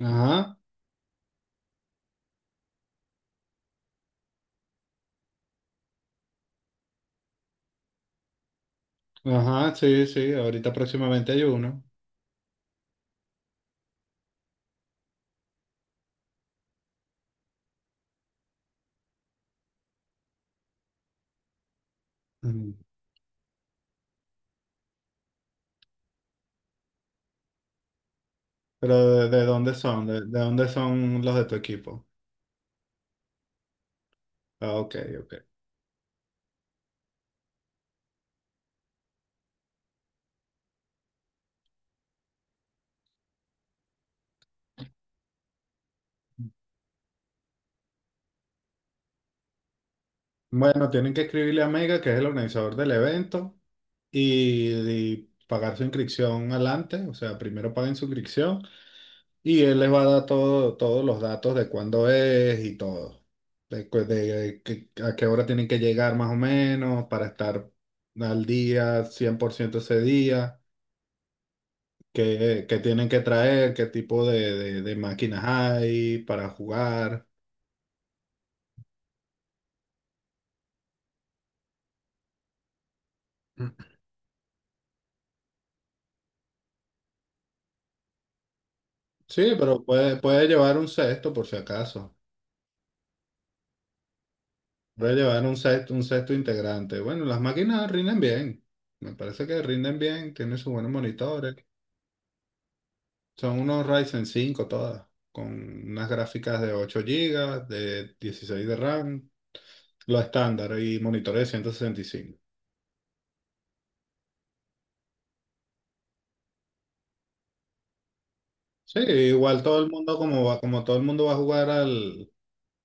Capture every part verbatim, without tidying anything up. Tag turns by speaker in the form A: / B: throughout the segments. A: Ajá, ajá, sí, sí, ahorita próximamente hay uno. Mm. Pero ¿de, de dónde son? ¿De, de dónde son los de tu equipo? Ah, ok, ok. Bueno, tienen que escribirle a Mega, que es el organizador del evento, y, y pagar su inscripción adelante, o sea, primero paguen su inscripción y él les va a dar todo, todos los datos de cuándo es y todo, de, cu- de que- a qué hora tienen que llegar más o menos para estar al día, cien por ciento ese día. ¿Qué, qué tienen que traer? ¿Qué tipo de, de- de máquinas hay para jugar? Sí, pero puede, puede llevar un sexto por si acaso. Puede llevar un sexto, un sexto integrante. Bueno, las máquinas rinden bien. Me parece que rinden bien, tienen sus buenos monitores. Son unos Ryzen cinco todas, con unas gráficas de ocho gigas de dieciséis de RAM, lo estándar y monitores de ciento sesenta y cinco Sí, igual todo el mundo como va, como todo el mundo va a jugar al,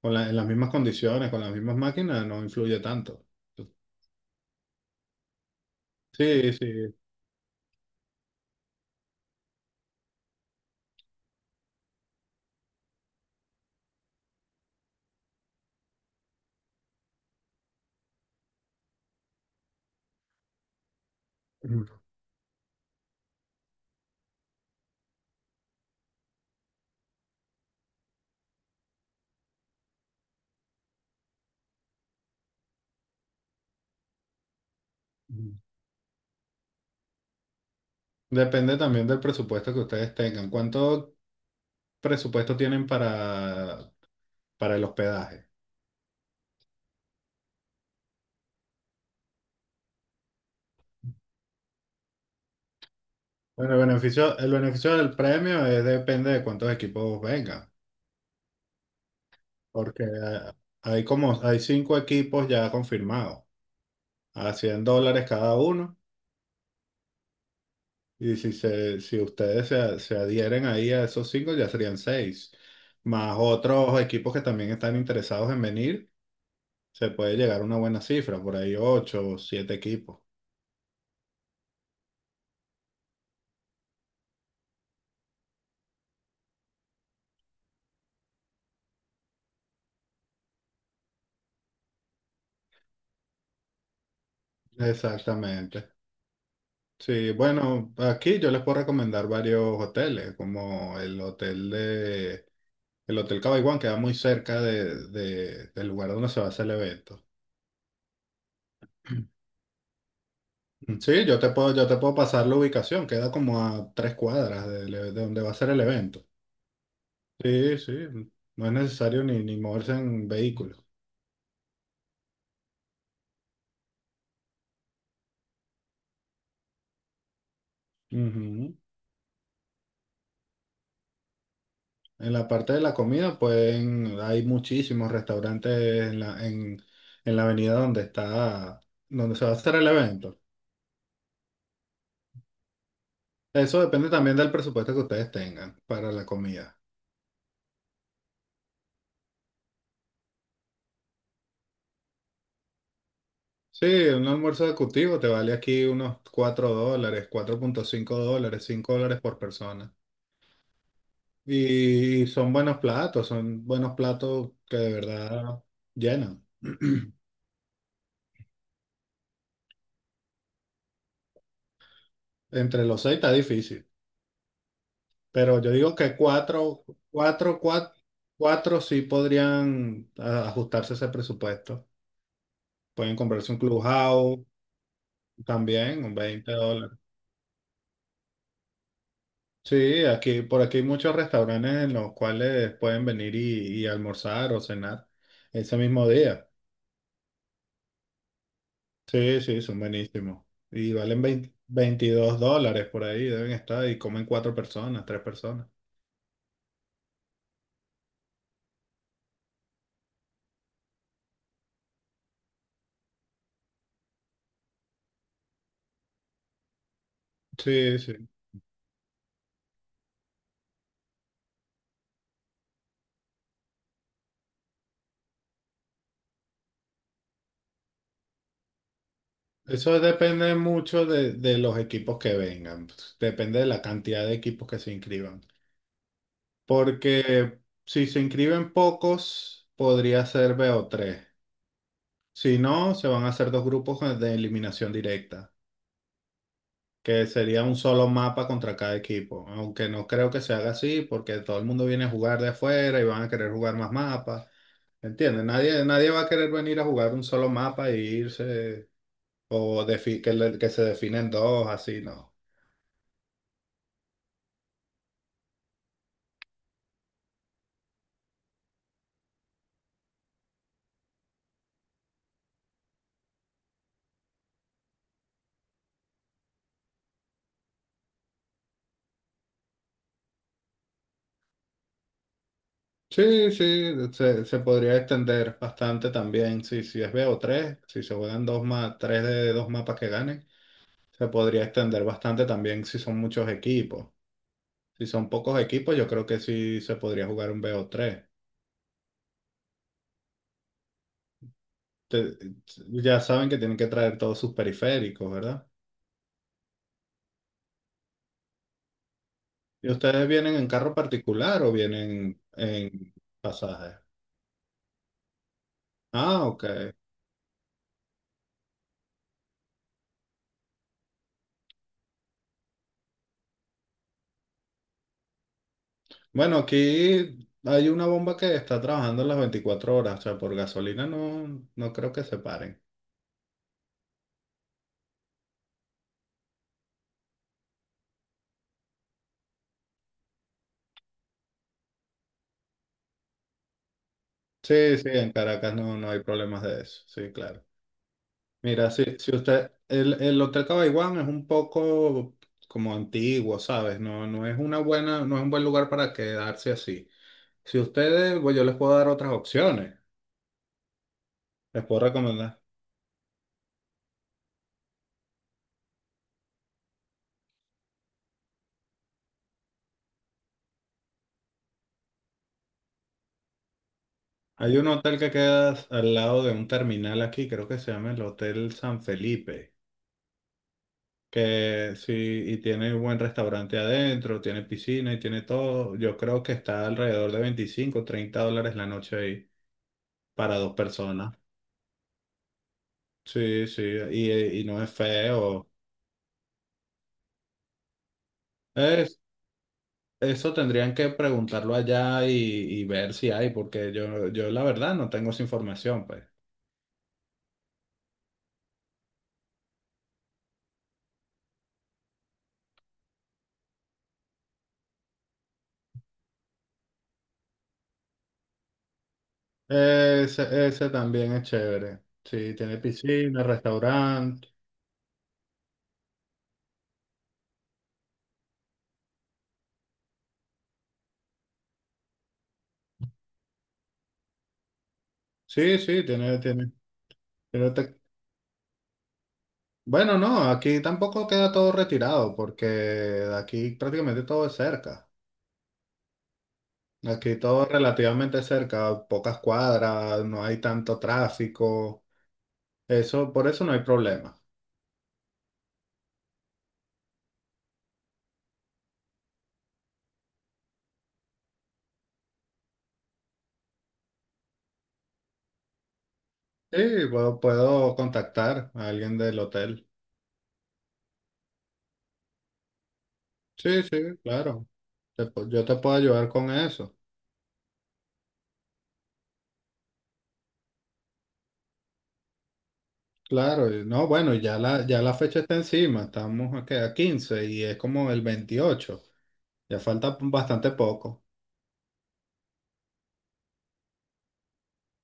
A: con la- en las mismas condiciones, con las mismas máquinas, no influye tanto. Sí, sí. Depende también del presupuesto que ustedes tengan. ¿Cuánto presupuesto tienen para, para el hospedaje? Bueno, el beneficio, el beneficio del premio es, depende de cuántos equipos vengan, porque hay como hay cinco equipos ya confirmados, a cien dólares cada uno, y si, se, si ustedes se, se adhieren ahí a esos cinco, ya serían seis, más otros equipos que también están interesados en venir. Se puede llegar a una buena cifra, por ahí ocho o siete equipos. Exactamente. Sí, bueno, aquí yo les puedo recomendar varios hoteles, como el hotel de el Hotel Cabaiguán, que queda muy cerca de, de- del lugar donde se va a hacer el evento. Sí, yo te puedo, yo te puedo pasar la ubicación, queda como a tres cuadras de, de donde va a ser el evento. Sí, sí, no es necesario ni, ni moverse en vehículo. Ujú. En la parte de la comida, pueden, hay muchísimos restaurantes en la, en, en la avenida donde está, donde se va a hacer el evento. Eso depende también del presupuesto que ustedes tengan para la comida. Sí, un almuerzo ejecutivo te vale aquí unos cuatro dólares, cuatro punto cinco dólares, cinco dólares por persona. Y son buenos platos, son buenos platos que de verdad llenan. Entre los seis está difícil. Pero yo digo que cuatro, cuatro, cuatro, cuatro sí podrían ah, ajustarse a ese presupuesto. Pueden comprarse un clubhouse también, un veinte dólares. Sí, aquí, por aquí hay muchos restaurantes en los cuales pueden venir y, y almorzar o cenar ese mismo día. Sí, sí, son buenísimos. Y valen veinte veintidós dólares por ahí, deben estar, y comen cuatro personas, tres personas. Sí, sí. Eso depende mucho de, de los equipos que vengan, depende de la cantidad de equipos que se inscriban. Porque si se inscriben pocos, podría ser B o tres Si no, se van a hacer dos grupos de eliminación directa, que sería un solo mapa contra cada equipo. Aunque no creo que se haga así, porque todo el mundo viene a jugar de afuera y van a querer jugar más mapas. ¿Entiendes? Nadie, nadie va a querer venir a jugar un solo mapa e irse, o defi- que, le- que se definen dos, así no. Sí, sí, se, se podría extender bastante también. Si, si es bo tres si se juegan dos más, tres de dos mapas que ganen, se podría extender bastante también si son muchos equipos. Si son pocos equipos, yo creo que sí se podría jugar un bo tres Te- ya saben que tienen que traer todos sus periféricos, ¿verdad? ¿Y ustedes vienen en carro particular o vienen en pasaje? Ah, ok. Bueno, aquí hay una bomba que está trabajando las veinticuatro horas, o sea, por gasolina no, no creo que se paren. Sí, sí, en Caracas no, no hay problemas de eso, sí, claro. Mira, si, si usted, el, el Hotel Cabaiguán es un poco como antiguo, ¿sabes? No, no es una buena, no es un buen lugar para quedarse así. Si ustedes, pues yo les puedo dar otras opciones, les puedo recomendar. Hay un hotel que queda al lado de un terminal aquí, creo que se llama el Hotel San Felipe, que sí, y tiene un buen restaurante adentro, tiene piscina y tiene todo. Yo creo que está alrededor de veinticinco treinta dólares la noche ahí para dos personas. Sí, sí, y, y no es feo. Es, eso tendrían que preguntarlo allá y, y ver si hay, porque yo, yo la verdad no tengo esa información, pues. Ese, ese también es chévere. Sí, tiene piscina, restaurante. Sí, sí, tiene, tiene, tiene Bueno, no, aquí tampoco queda todo retirado porque de aquí prácticamente todo es cerca. Aquí todo es relativamente cerca, pocas cuadras, no hay tanto tráfico. Eso, por eso no hay problema. Sí, puedo, puedo contactar a alguien del hotel. Sí, sí, claro. Te pu- yo te puedo ayudar con eso. Claro, y no, bueno, y ya la, ya la fecha está encima. Estamos a, ¿qué?, a quince y es como el veintiocho. Ya falta bastante poco.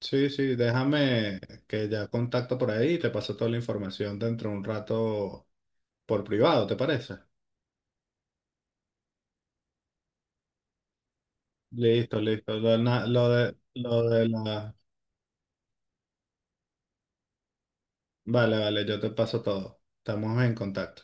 A: Sí, sí, déjame que ya contacto por ahí y te paso toda la información dentro de un rato por privado, ¿te parece? Listo, listo. Lo, de na- lo de, lo de la... Vale, vale, yo te paso todo. Estamos en contacto.